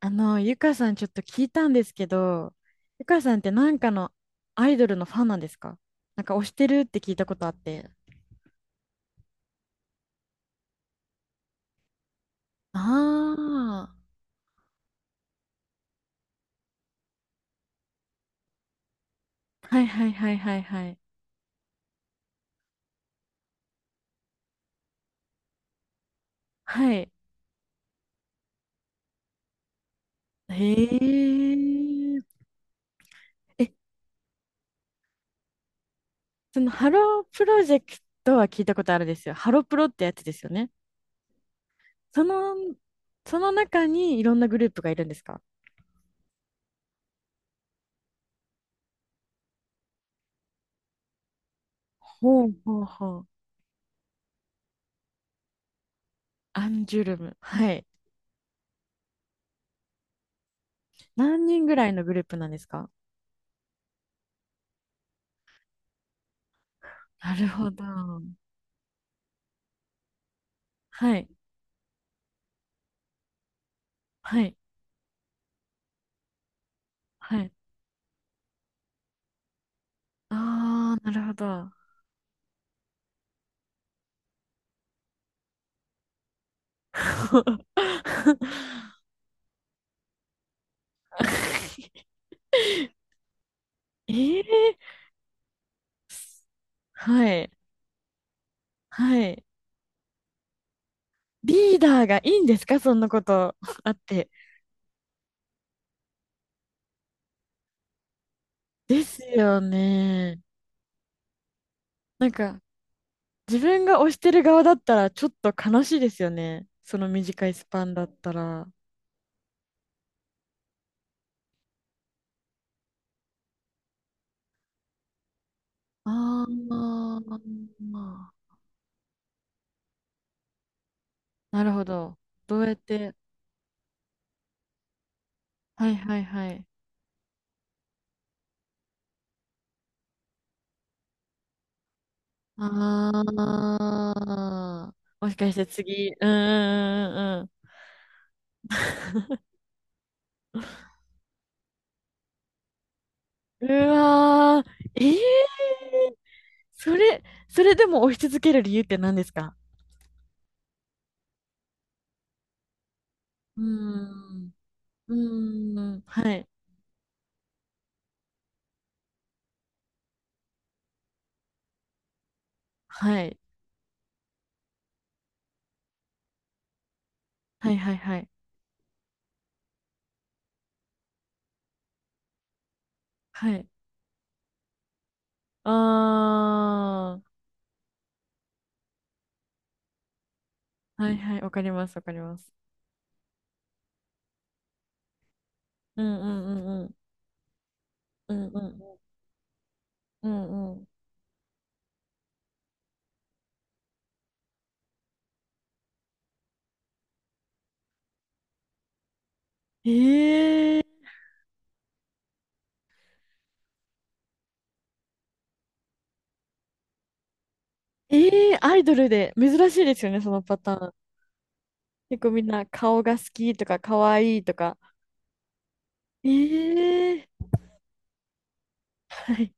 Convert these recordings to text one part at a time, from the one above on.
あの、ゆかさんちょっと聞いたんですけど、ゆかさんってなんかのアイドルのファンなんですか？なんか推してるって聞いたことあって。ああ、はいはいはいはいはい。はい。へえ。え、そのハロープロジェクトは聞いたことあるんですよ。ハロプロってやつですよね。その、その中にいろんなグループがいるんですか？ほうほうほう。アンジュルム。はい。何人ぐらいのグループなんですか？なるほど。はい。はい。はい。ああ、なるほど。ええ、はい。はい。リーダーがいいんですか、そんなこと あって。ですよね。なんか、自分が推してる側だったら、ちょっと悲しいですよね。その短いスパンだったら。ああ、なるほど。どうやって。はいはいはい。ああ、もしかして次、うんうんうんうん。うわー、ええ、それ、それでも追い続ける理由って何ですか？うーん、うーん、はい、はい、はいはいはい、はい。あー、はいはい、わかります、わかります。うんうんうんうん、うんうんうん、うんうん。ええええ、アイドルで、珍しいですよね、そのパターン。結構みんな顔が好きとか可愛いとか。ええ、はい。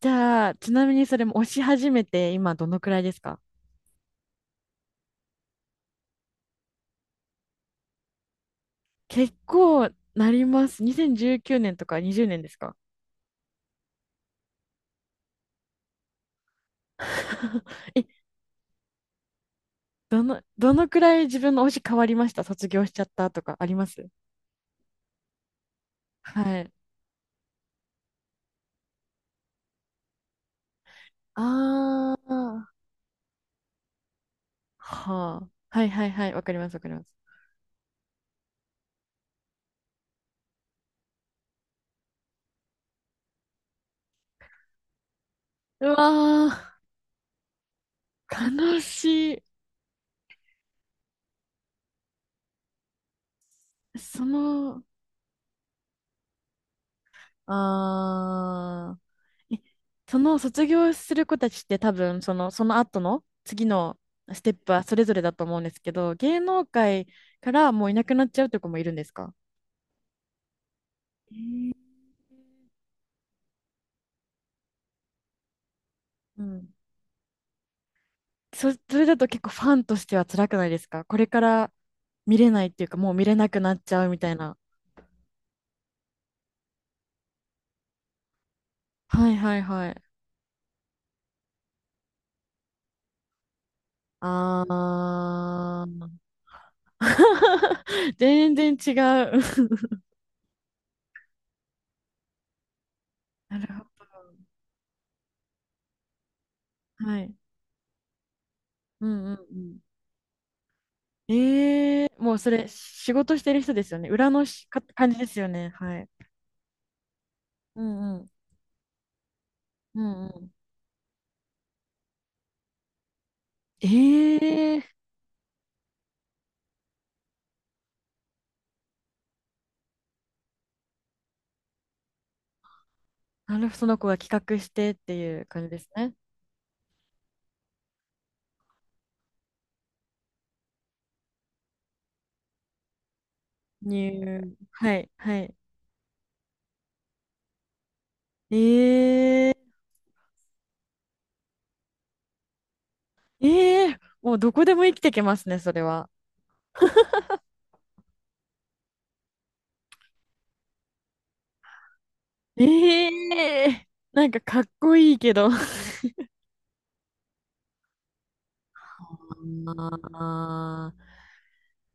じゃあ、ちなみにそれも押し始めて今どのくらいですか？結構なります。2019年とか20年ですか？ え、どのくらい自分の推し変わりました？卒業しちゃったとかあります？はい。ああ。はあ。はいはいはい。わかりますわかります。うわー悲しい。その、ああ。えその卒業する子たちって多分その後の次のステップはそれぞれだと思うんですけど、芸能界からもういなくなっちゃうという子もいるんですか？うん。それだと結構ファンとしては辛くないですか？これから見れないっていうかもう見れなくなっちゃうみたいな。はいはいはい。あー。全然違う。なるほど。はい。うんうんうん。ええ、もうそれ仕事してる人ですよね。裏のしか感じですよね。はい。うんうん。うんうん。ええ、なるほど、その子が企画してっていう感じですね。ニュー。はい、はい。ええええ、もうどこでも生きてけますね、それは。ええ、なんかかっこいいけど。あー。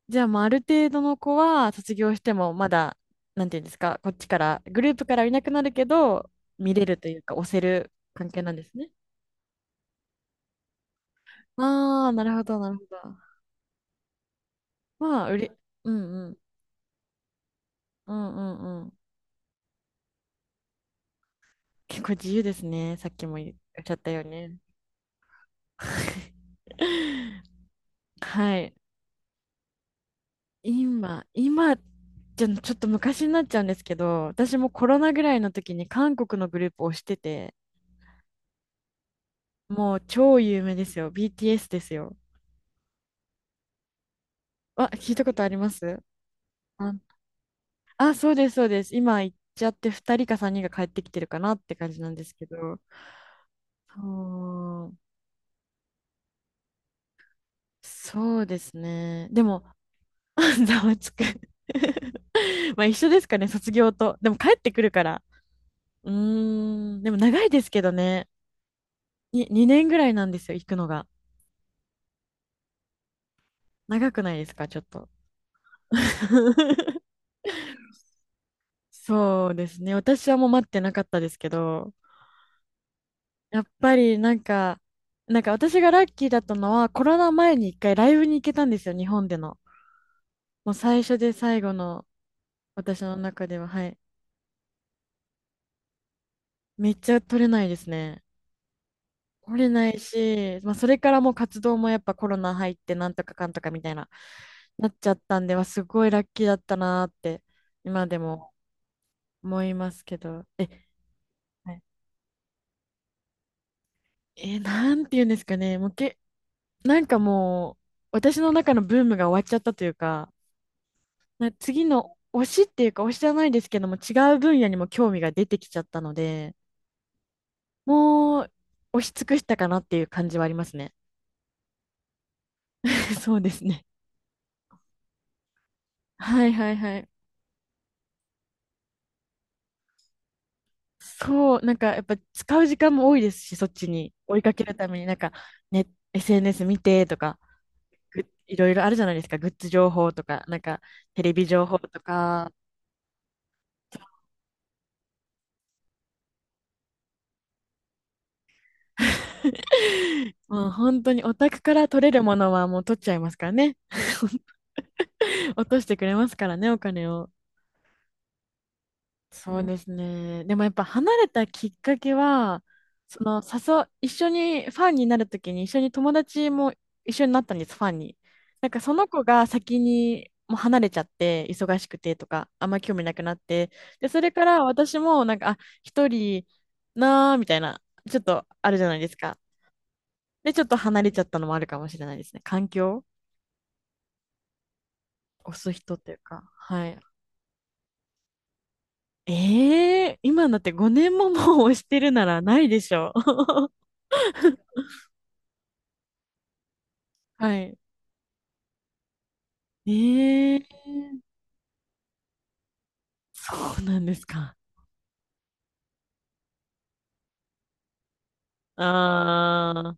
じゃあ、まあ、ある程度の子は卒業してもまだ、なんていうんですか、こっちから、グループからいなくなるけど、見れるというか、押せる関係なんですね。ああ、なるほど、なるほど。まあ、うんうん、うんうんうん。結構自由ですね。さっきも言っちゃったよね。はい。今、今、じゃ、ちょっと昔になっちゃうんですけど、私もコロナぐらいの時に韓国のグループをしてて、もう超有名ですよ。BTS ですよ。あ、聞いたことあります？あ、あ、そうです、そうです。今行っちゃって2人か3人が帰ってきてるかなって感じなんですけど。そう、そうですね。でも、ざわつく まあ一緒ですかね、卒業と。でも帰ってくるから。うーん、でも長いですけどね。2年ぐらいなんですよ、行くのが。長くないですか、ちょっと。そうですね。私はもう待ってなかったですけど、やっぱりなんか私がラッキーだったのはコロナ前に一回ライブに行けたんですよ、日本での。もう最初で最後の私の中では、はい。めっちゃ取れないですね。取れないし、まあ、それからもう活動もやっぱコロナ入ってなんとかかんとかみたいな、なっちゃったんで、はすごいラッキーだったなーって今でも思いますけど。え、はい。なんて言うんですかね。もうけ、なんかもう私の中のブームが終わっちゃったというか、次の推しっていうか推しじゃないですけども違う分野にも興味が出てきちゃったのでもう押し尽くしたかなっていう感じはありますね。そうですね。はいはいはい。そう、なんかやっぱ使う時間も多いですし、そっちに追いかけるためになんか、ね、SNS 見てとか、いろいろあるじゃないですか、グッズ情報とか、なんかテレビ情報とか。もう本当にオタクから取れるものはもう取っちゃいますからね。落としてくれますからね、お金を。そうですね。でもやっぱ離れたきっかけは、その誘う、一緒にファンになるときに一緒に友達も一緒になったんです、ファンに。なんかその子が先にもう離れちゃって、忙しくてとか、あんま興味なくなって、で、それから私もなんか、あ、一人なーみたいな、ちょっとあるじゃないですか。で、ちょっと離れちゃったのもあるかもしれないですね。環境押す人っていうか、はい。ええー今だって5年ももう押してるならないでしょ？ はい。ええ、そうなんですか。あ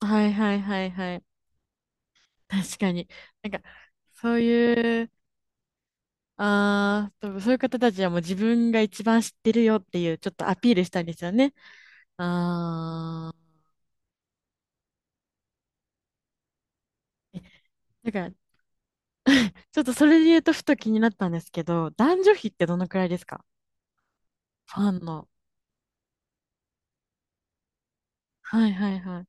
あ、はいはいはいはい。確かに。なんか、そういう、ああ、多分そういう方たちはもう自分が一番知ってるよっていう、ちょっとアピールしたいんですよね。ああ。えだから、ちょっとそれで言うとふと気になったんですけど、男女比ってどのくらいですか？ファンの。はいはいは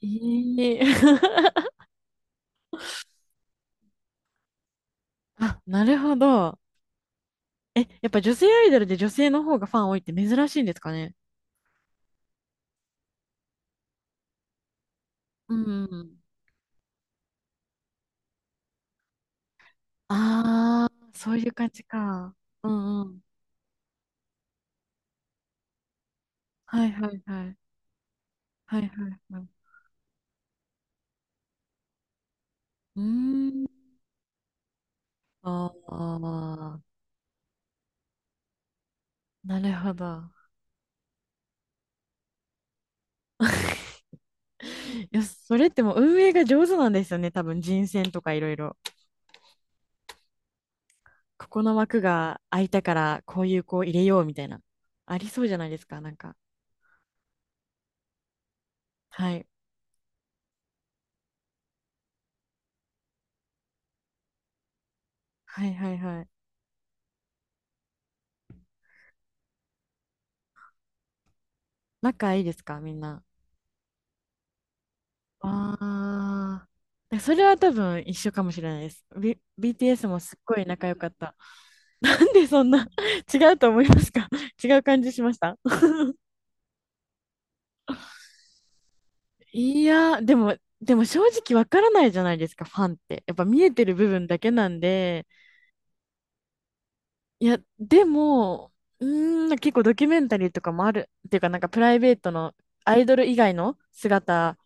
い。ええ あ、なるほど。え、やっぱ女性アイドルで女性の方がファン多いって珍しいんですかね？うんうん。ああ、そういう感じか。うんうん。はいはいはい。はいはいはい。うーん。ああ、なるほど。いや、それってもう運営が上手なんですよね。多分人選とかいろいろ。ここの枠が空いたから、こういう子を入れようみたいな。ありそうじゃないですか、なんか。はい。はいはいはい。仲いいですか、みんな。ああ。それは多分一緒かもしれないです。BTS もすっごい仲良かった。でそんな 違うと思いますか？違う感じしました？いやー、でも正直わからないじゃないですか、ファンって。やっぱ見えてる部分だけなんで、いや、でも、うーん、結構ドキュメンタリーとかもある。っていうか、なんかプライベートのアイドル以外の姿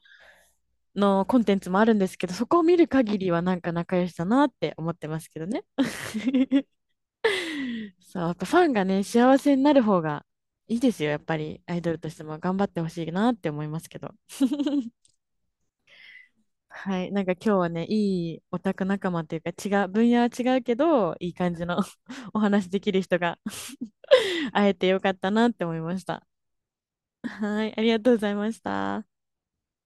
のコンテンツもあるんですけど、そこを見る限りはなんか仲良しだなって思ってますけどね。そう、やっぱファンがね、幸せになる方がいいですよ、やっぱりアイドルとしても頑張ってほしいなって思いますけど。はい。なんか今日はね、いいオタク仲間というか、違う、分野は違うけど、いい感じの お話できる人が 会えてよかったなって思いました。はい。ありがとうございました。